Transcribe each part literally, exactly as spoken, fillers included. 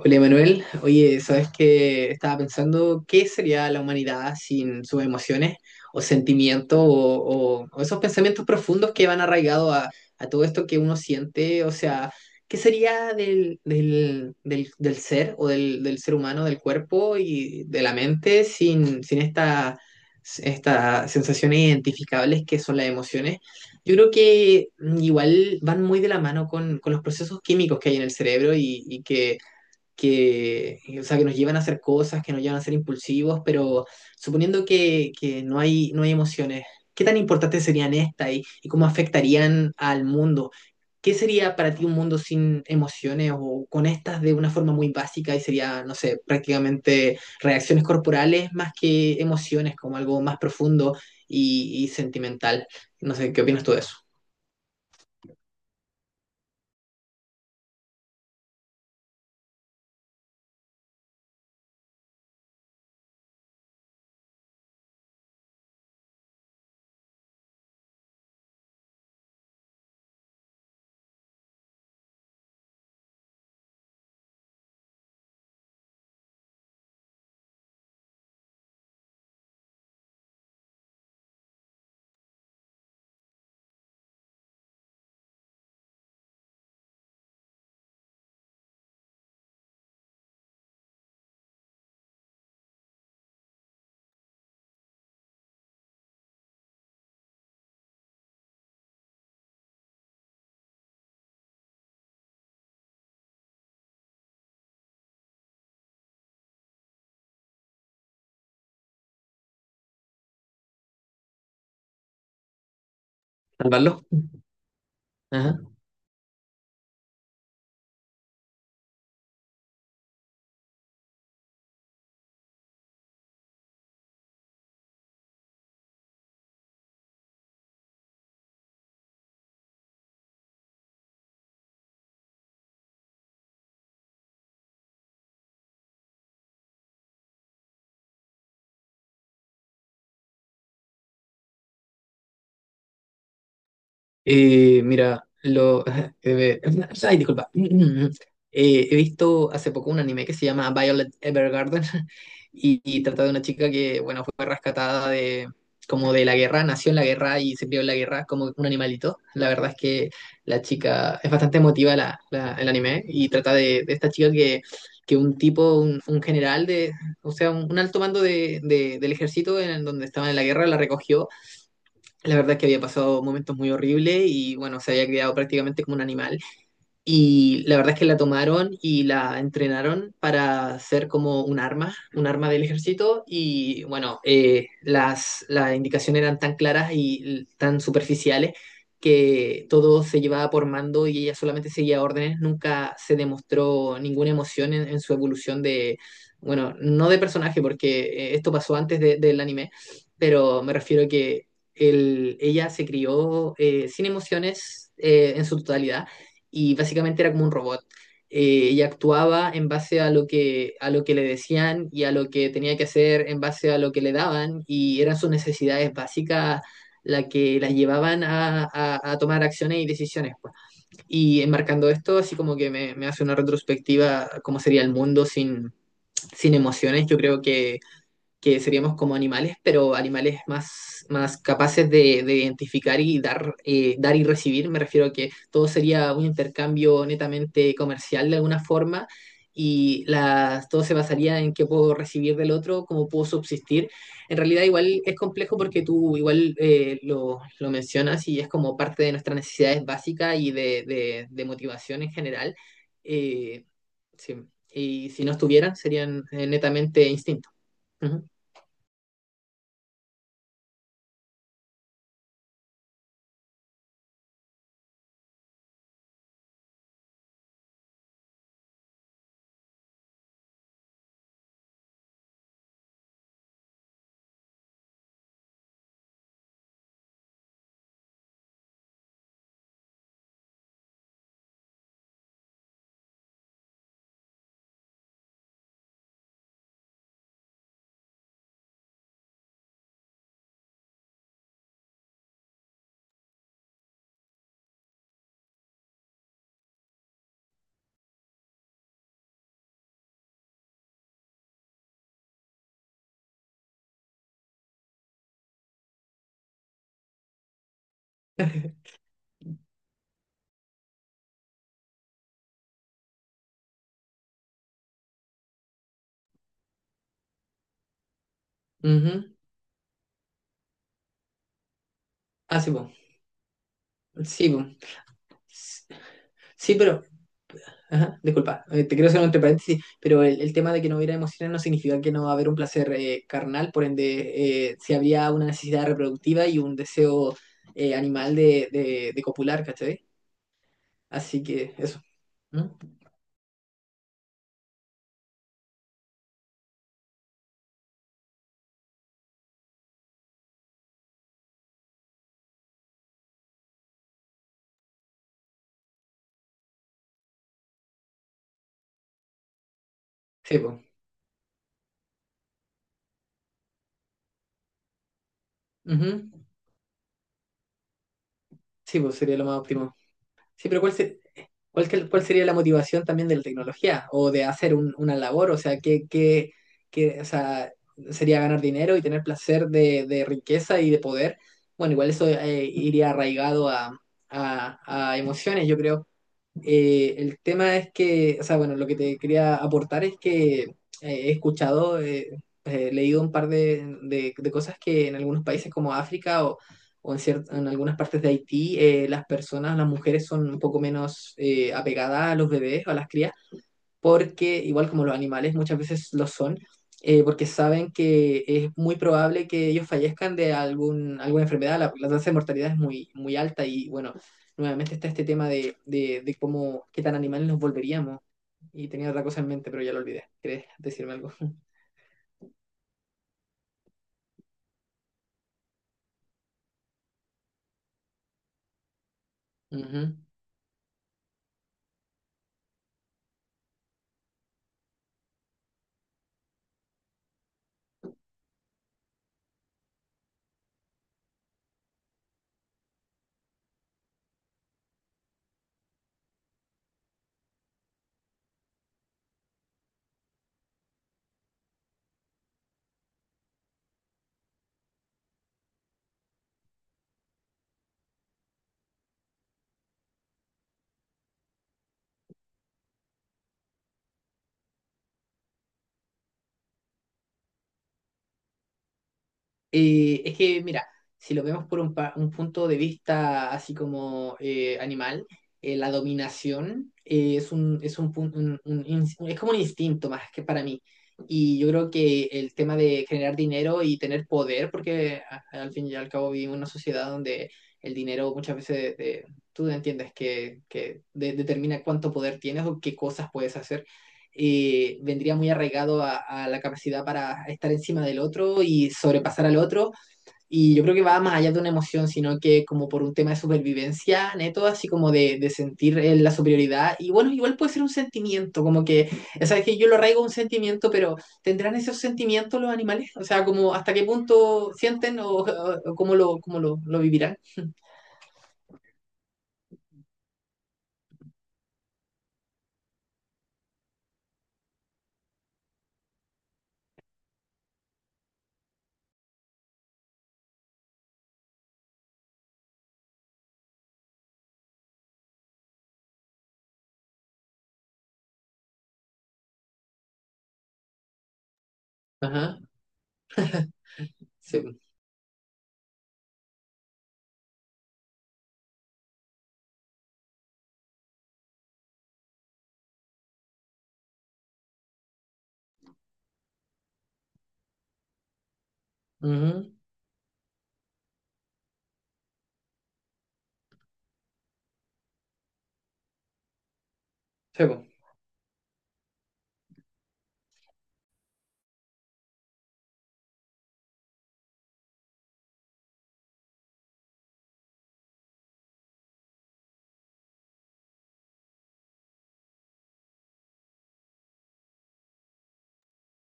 Hola Manuel, oye, sabes que estaba pensando qué sería la humanidad sin sus emociones o sentimientos o, o- o esos pensamientos profundos que van arraigados a, a todo esto que uno siente, o sea, qué sería del, del, del, del ser o del, del ser humano, del cuerpo y de la mente sin, sin esta- estas sensaciones identificables que son las emociones. Yo creo que mm, igual van muy de la mano con, con los procesos químicos que hay en el cerebro y y que que, o sea, que nos llevan a hacer cosas, que nos llevan a ser impulsivos, pero suponiendo que, que no hay, no hay emociones, ¿qué tan importantes serían estas y, y cómo afectarían al mundo? ¿Qué sería para ti un mundo sin emociones o con estas de una forma muy básica y sería, no sé, prácticamente reacciones corporales más que emociones, como algo más profundo y, y sentimental? No sé, ¿qué opinas tú de eso? ¿Salvarlo? Ajá. Eh, mira, lo. eh, ay, disculpa. Eh, he visto hace poco un anime que se llama Violet Evergarden y, y trata de una chica que, bueno, fue rescatada de como de la guerra, nació en la guerra y se crió en la guerra como un animalito. La verdad es que la chica es bastante emotiva la, la- el anime y trata de, de esta chica que, que un tipo, un, un general de, o sea, un, un alto mando de, de- del ejército en donde estaban en la guerra la recogió. La verdad es que había pasado momentos muy horribles y bueno, se había criado prácticamente como un animal. Y la verdad es que la tomaron y la entrenaron para ser como un arma, un arma del ejército. Y bueno, eh, las, las indicaciones eran tan claras y l- tan superficiales que todo se llevaba por mando y ella solamente seguía órdenes. Nunca se demostró ninguna emoción en, en su evolución de, bueno, no de personaje, porque eh, esto pasó antes de- del anime, pero me refiero a que el- ella se crió eh, sin emociones eh, en su totalidad y básicamente era como un robot. Eh, ella actuaba en base a lo que, a lo que le decían y a lo que tenía que hacer en base a lo que le daban y eran sus necesidades básicas las que las llevaban a, a- a tomar acciones y decisiones, pues. Y enmarcando esto, así como que me, me hace una retrospectiva, cómo sería el mundo sin, sin emociones, yo creo que que seríamos como animales, pero animales más, más capaces de, de identificar y dar, eh, dar y recibir. Me refiero a que todo sería un intercambio netamente comercial de alguna forma y la- todo se basaría en qué puedo recibir del otro, cómo puedo subsistir. En realidad igual es complejo porque tú igual eh, lo, lo mencionas y es como parte de nuestras necesidades básicas y de, de- de motivación en general. Eh, sí. Y si no estuvieran, serían eh, netamente instintos. Ujú. Ujú. Ah, sí, po. Sí, po. S- Sí, pero. Ajá, disculpa, eh, te quiero hacer un entre paréntesis, pero el, el tema de que no hubiera emociones no significa que no va a haber un placer eh, carnal, por ende, eh, si habría una necesidad reproductiva y un deseo eh, animal de, de, de copular, ¿cachai? Así que eso. ¿Mm? Sí, pues. Sí, pues sería lo más óptimo. Sí, pero ¿cuál, se- cuál, que- cuál sería la motivación también de la tecnología o de hacer un- una labor? O sea, ¿qué, qué- qué- o sea, sería ganar dinero y tener placer de, de riqueza y de poder? Bueno, igual eso eh, iría arraigado a, a- a emociones, yo creo. Eh, el tema es que, o sea, bueno, lo que te quería aportar es que eh, he escuchado, eh, he leído un par de, de- de cosas que en algunos países como África o, o en, cier- en algunas partes de Haití, eh, las personas, las mujeres son un poco menos eh, apegadas a los bebés o a las crías porque igual como los animales muchas veces lo son, eh, porque saben que es muy probable que ellos fallezcan de algún, alguna enfermedad, la, la tasa de mortalidad es muy, muy alta y bueno, nuevamente está este tema de, de, de cómo, qué tan animales nos volveríamos. Y tenía otra cosa en mente, pero ya lo olvidé. ¿Querés decirme algo? Ujú. Eh, es que, mira, si lo vemos por un, pa- un punto de vista así como eh, animal, eh, la dominación eh, es un, es un, pun- un- un ins- es como un instinto más que para mí. Y yo creo que el tema de generar dinero y tener poder, porque a- al fin y al cabo vivimos en una sociedad donde el dinero muchas veces eh, tú entiendes que, que de- determina cuánto poder tienes o qué cosas puedes hacer eh, vendría muy arraigado a, a, la capacidad para estar encima del otro y sobrepasar al otro. Y yo creo que va más allá de una emoción, sino que como por un tema de supervivencia, neto, así como de, de sentir eh, la superioridad. Y bueno, igual puede ser un sentimiento, como que, sabes que yo lo arraigo a un sentimiento, pero ¿tendrán esos sentimientos los animales? O sea, como hasta qué punto sienten o, o, o cómo, lo, cómo lo, lo vivirán. Ajá, sí. Ujú. Sí,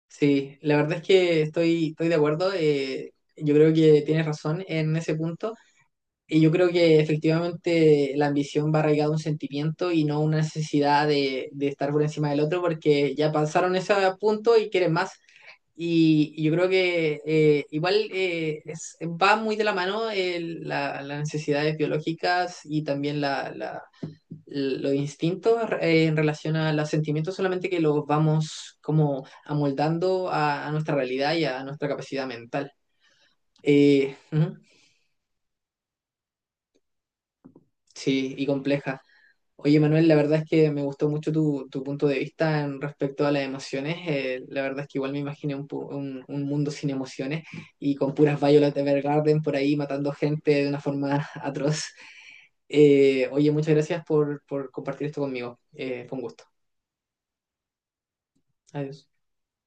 sí, la verdad es que estoy, estoy de acuerdo. Eh, yo creo que tienes razón en ese punto. Y yo creo que efectivamente la ambición va arraigada a un sentimiento y no una necesidad de, de estar por encima del otro porque ya pasaron ese punto y quieren más. Y, y yo creo que eh, igual eh, es- va muy de la mano el- la- las necesidades biológicas y también los instintos eh, en relación a los sentimientos solamente que los vamos como amoldando a, a nuestra realidad y a nuestra capacidad mental. Eh, ujú, sí, y compleja. Oye, Manuel, la verdad es que me gustó mucho tu, tu punto de vista en respecto a las emociones. Eh, la verdad es que igual me imaginé un, pu- un- un mundo sin emociones y con puras Violet Evergarden por ahí matando gente de una forma atroz. Eh, oye, muchas gracias por, por compartir esto conmigo. Eh, fue un gusto. Adiós.